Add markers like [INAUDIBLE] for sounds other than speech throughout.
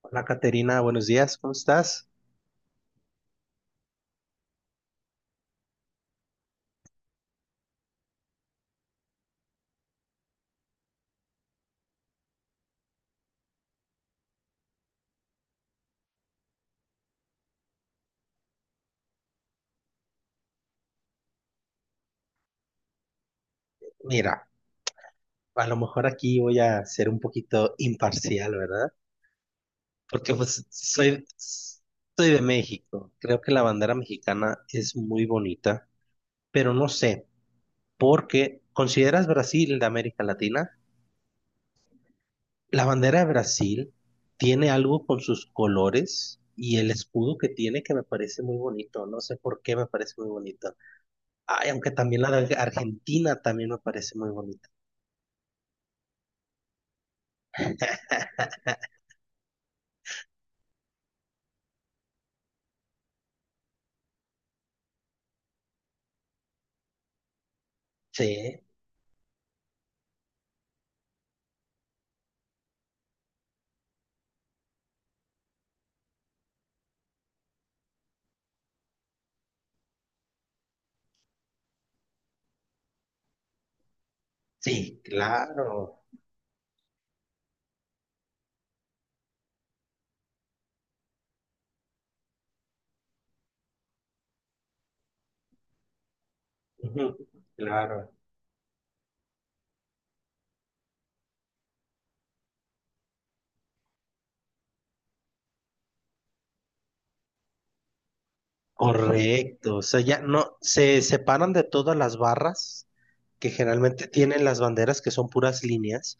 Hola Caterina, buenos días, ¿cómo estás? Mira, a lo mejor aquí voy a ser un poquito imparcial, ¿verdad? Porque pues soy de México. Creo que la bandera mexicana es muy bonita, pero no sé, porque ¿consideras Brasil de América Latina? La bandera de Brasil tiene algo con sus colores y el escudo que tiene que me parece muy bonito. No sé por qué me parece muy bonito. Ay, aunque también la de Argentina también me parece muy bonita. Sí. Sí, claro, ujú, claro, correcto. O sea, ya no, se separan de todas las barras que generalmente tienen las banderas que son puras líneas.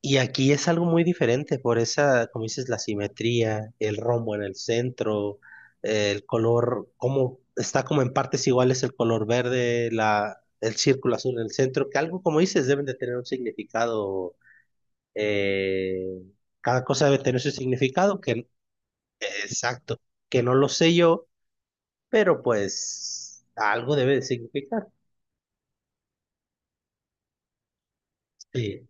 Y aquí es algo muy diferente por esa, como dices, la simetría, el rombo en el centro, el color, como está como en partes iguales el color verde, la, el círculo azul en el centro, que algo como dices deben de tener un significado eh, cada cosa debe tener su significado, que exacto, que no lo sé yo, pero pues algo debe de significar. Sí.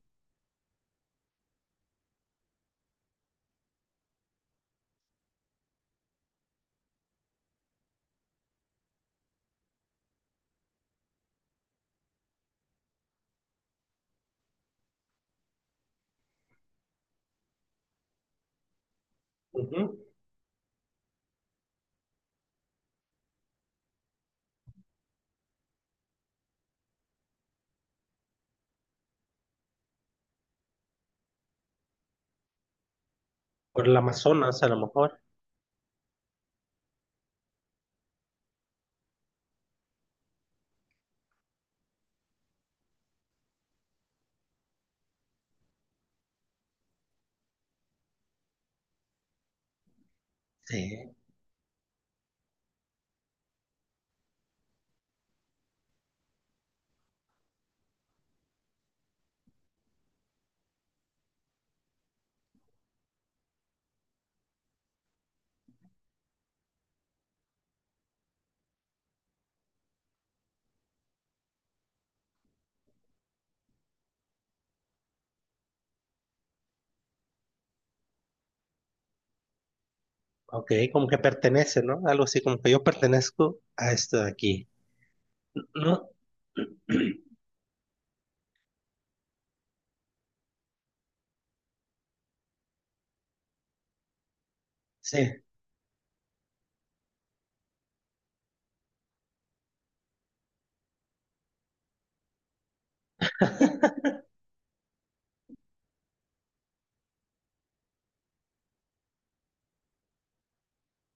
Ujú. Por el Amazonas a lo mejor. Sí. Ok, como que pertenece, ¿no? Algo así, como que yo pertenezco a esto de aquí. No. [CLEARS THROAT] Sí,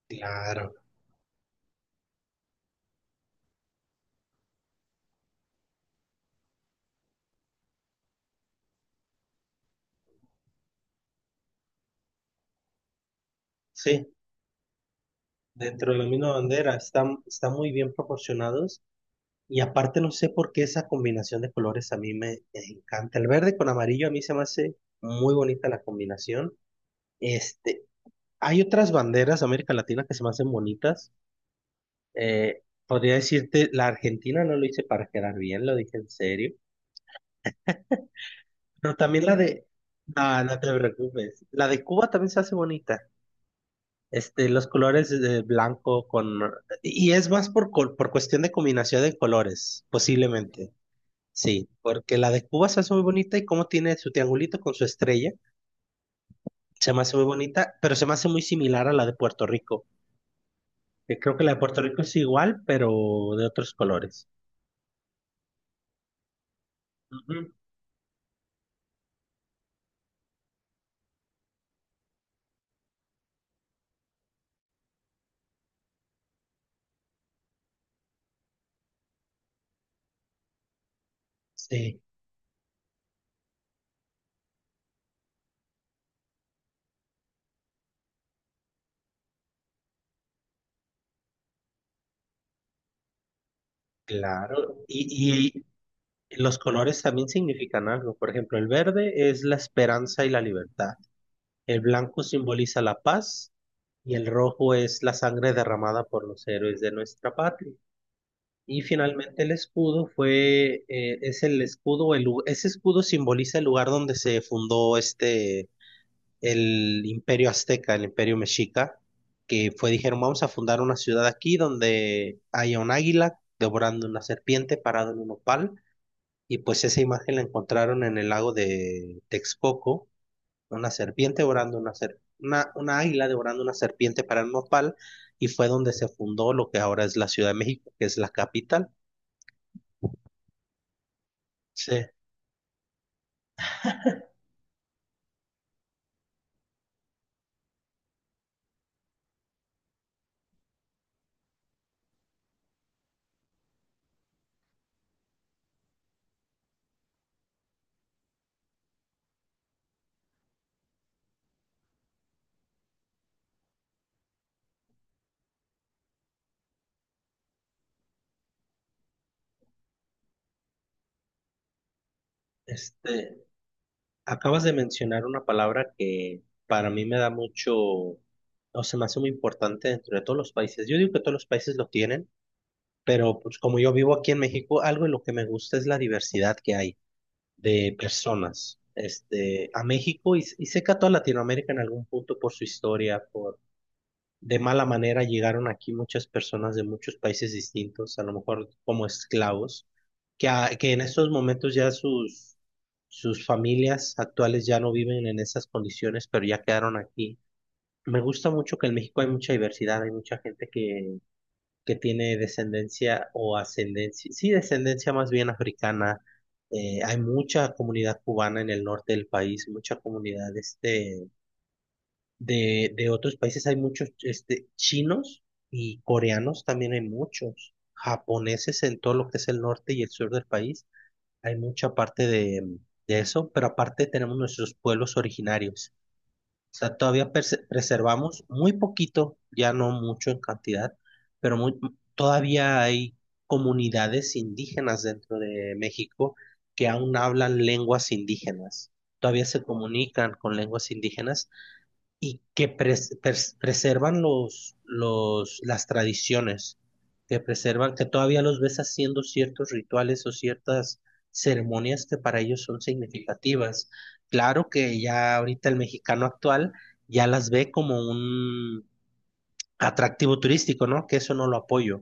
claro. Sí, dentro de la misma bandera están, están muy bien proporcionados y aparte no sé por qué esa combinación de colores a mí me encanta. El verde con amarillo a mí se me hace muy bonita la combinación. Este, hay otras banderas de América Latina que se me hacen bonitas. Podría decirte, la Argentina no lo hice para quedar bien, lo dije en serio. Pero también la de... Ah, no te preocupes. La de Cuba también se hace bonita. Este, los colores de blanco con... Y es más por, col- por cuestión de combinación de colores, posiblemente. Sí, porque la de Cuba se hace muy bonita y como tiene su triangulito con su estrella, se me hace muy bonita, pero se me hace muy similar a la de Puerto Rico. Que creo que la de Puerto Rico es igual, pero de otros colores. Ujú. Sí, claro. Y los colores también significan algo. Por ejemplo, el verde es la esperanza y la libertad. El blanco simboliza la paz y el rojo es la sangre derramada por los héroes de nuestra patria. Y finalmente el escudo fue, es el escudo, el lu- ese escudo simboliza el lugar donde se fundó este, el imperio azteca, el imperio mexica, que fue, dijeron, vamos a fundar una ciudad aquí donde haya un águila devorando una serpiente parado en un nopal y pues esa imagen la encontraron en el lago de Texcoco, una serpiente devorando una, ser- una águila devorando una serpiente parada en un nopal y fue donde se fundó lo que ahora es la Ciudad de México, que es la capital. Sí, este, acabas de mencionar una palabra que para mí me da mucho, o se me hace muy importante dentro de todos los países. Yo digo que todos los países lo tienen, pero pues como yo vivo aquí en México, algo de lo que me gusta es la diversidad que hay de personas. Este, a México y sé que a toda Latinoamérica en algún punto por su historia, por de mala manera llegaron aquí muchas personas de muchos países distintos, a lo mejor como esclavos, que, a- que en estos momentos ya sus, sus familias actuales ya no viven en esas condiciones, pero ya quedaron aquí. Me gusta mucho que en México hay mucha diversidad, hay mucha gente que tiene descendencia o ascendencia, sí, descendencia más bien africana. Hay mucha comunidad cubana en el norte del país, mucha comunidad este, de otros países hay muchos este, chinos y coreanos también hay muchos, japoneses en todo lo que es el norte y el sur del país, hay mucha parte de eso, pero aparte tenemos nuestros pueblos originarios. O sea, todavía perse- preservamos muy poquito, ya no mucho en cantidad, pero muy, todavía hay comunidades indígenas dentro de México que aún hablan lenguas indígenas. Todavía se comunican con lenguas indígenas y que pres- pres- preservan los, las tradiciones, que preservan, que todavía los ves haciendo ciertos rituales o ciertas ceremonias que para ellos son significativas. Claro que ya ahorita el mexicano actual ya las ve como un atractivo turístico, ¿no? Que eso no lo apoyo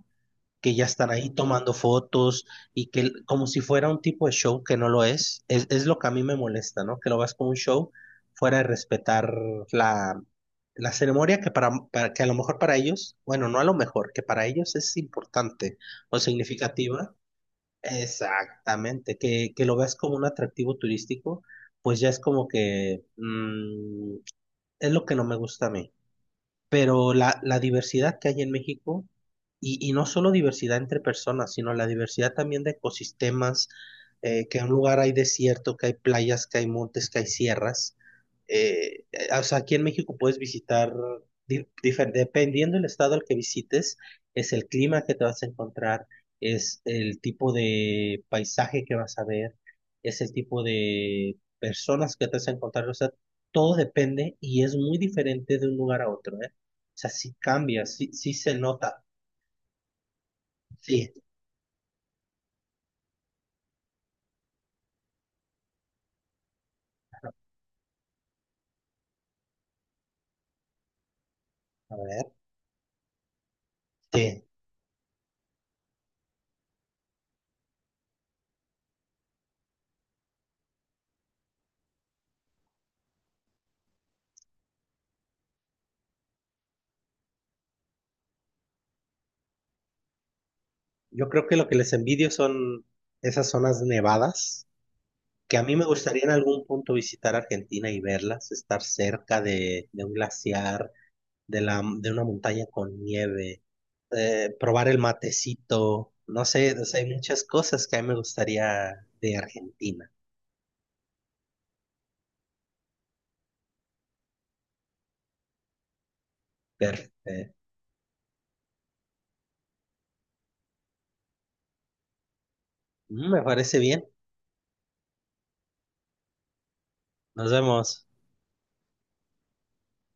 que ya están ahí tomando fotos y que el- como si fuera un tipo de show que no lo es lo que a mí me molesta, ¿no? Que lo veas como un show fuera de respetar la, la ceremonia que para que a lo mejor para ellos, bueno, no a lo mejor, que para ellos es importante o significativa. Exactamente, que lo veas como un atractivo turístico, pues ya es como que es lo que no me gusta a mí pero la diversidad que hay en México, y no solo diversidad entre personas, sino la diversidad también de ecosistemas, que en un lugar hay desierto, que hay playas, que hay montes, que hay sierras, eh, o sea, aquí en México puedes visitar, di- difer- dependiendo del estado al que visites, es el clima que te vas a encontrar, es el tipo de paisaje que vas a ver, es el tipo de personas que te vas a encontrar, o sea, todo depende y es muy diferente de un lugar a otro, ¿eh? O sea, sí cambia, sí, sí se nota. Sí, a ver, sí. Yo creo que lo que les envidio son esas zonas nevadas que a mí me gustaría en algún punto visitar Argentina y verlas, estar cerca de un glaciar, de, la, de una montaña con nieve, probar el matecito, no sé, o sea, hay muchas cosas que a mí me gustaría de Argentina. Pero, eh, mm, me parece bien, nos vemos.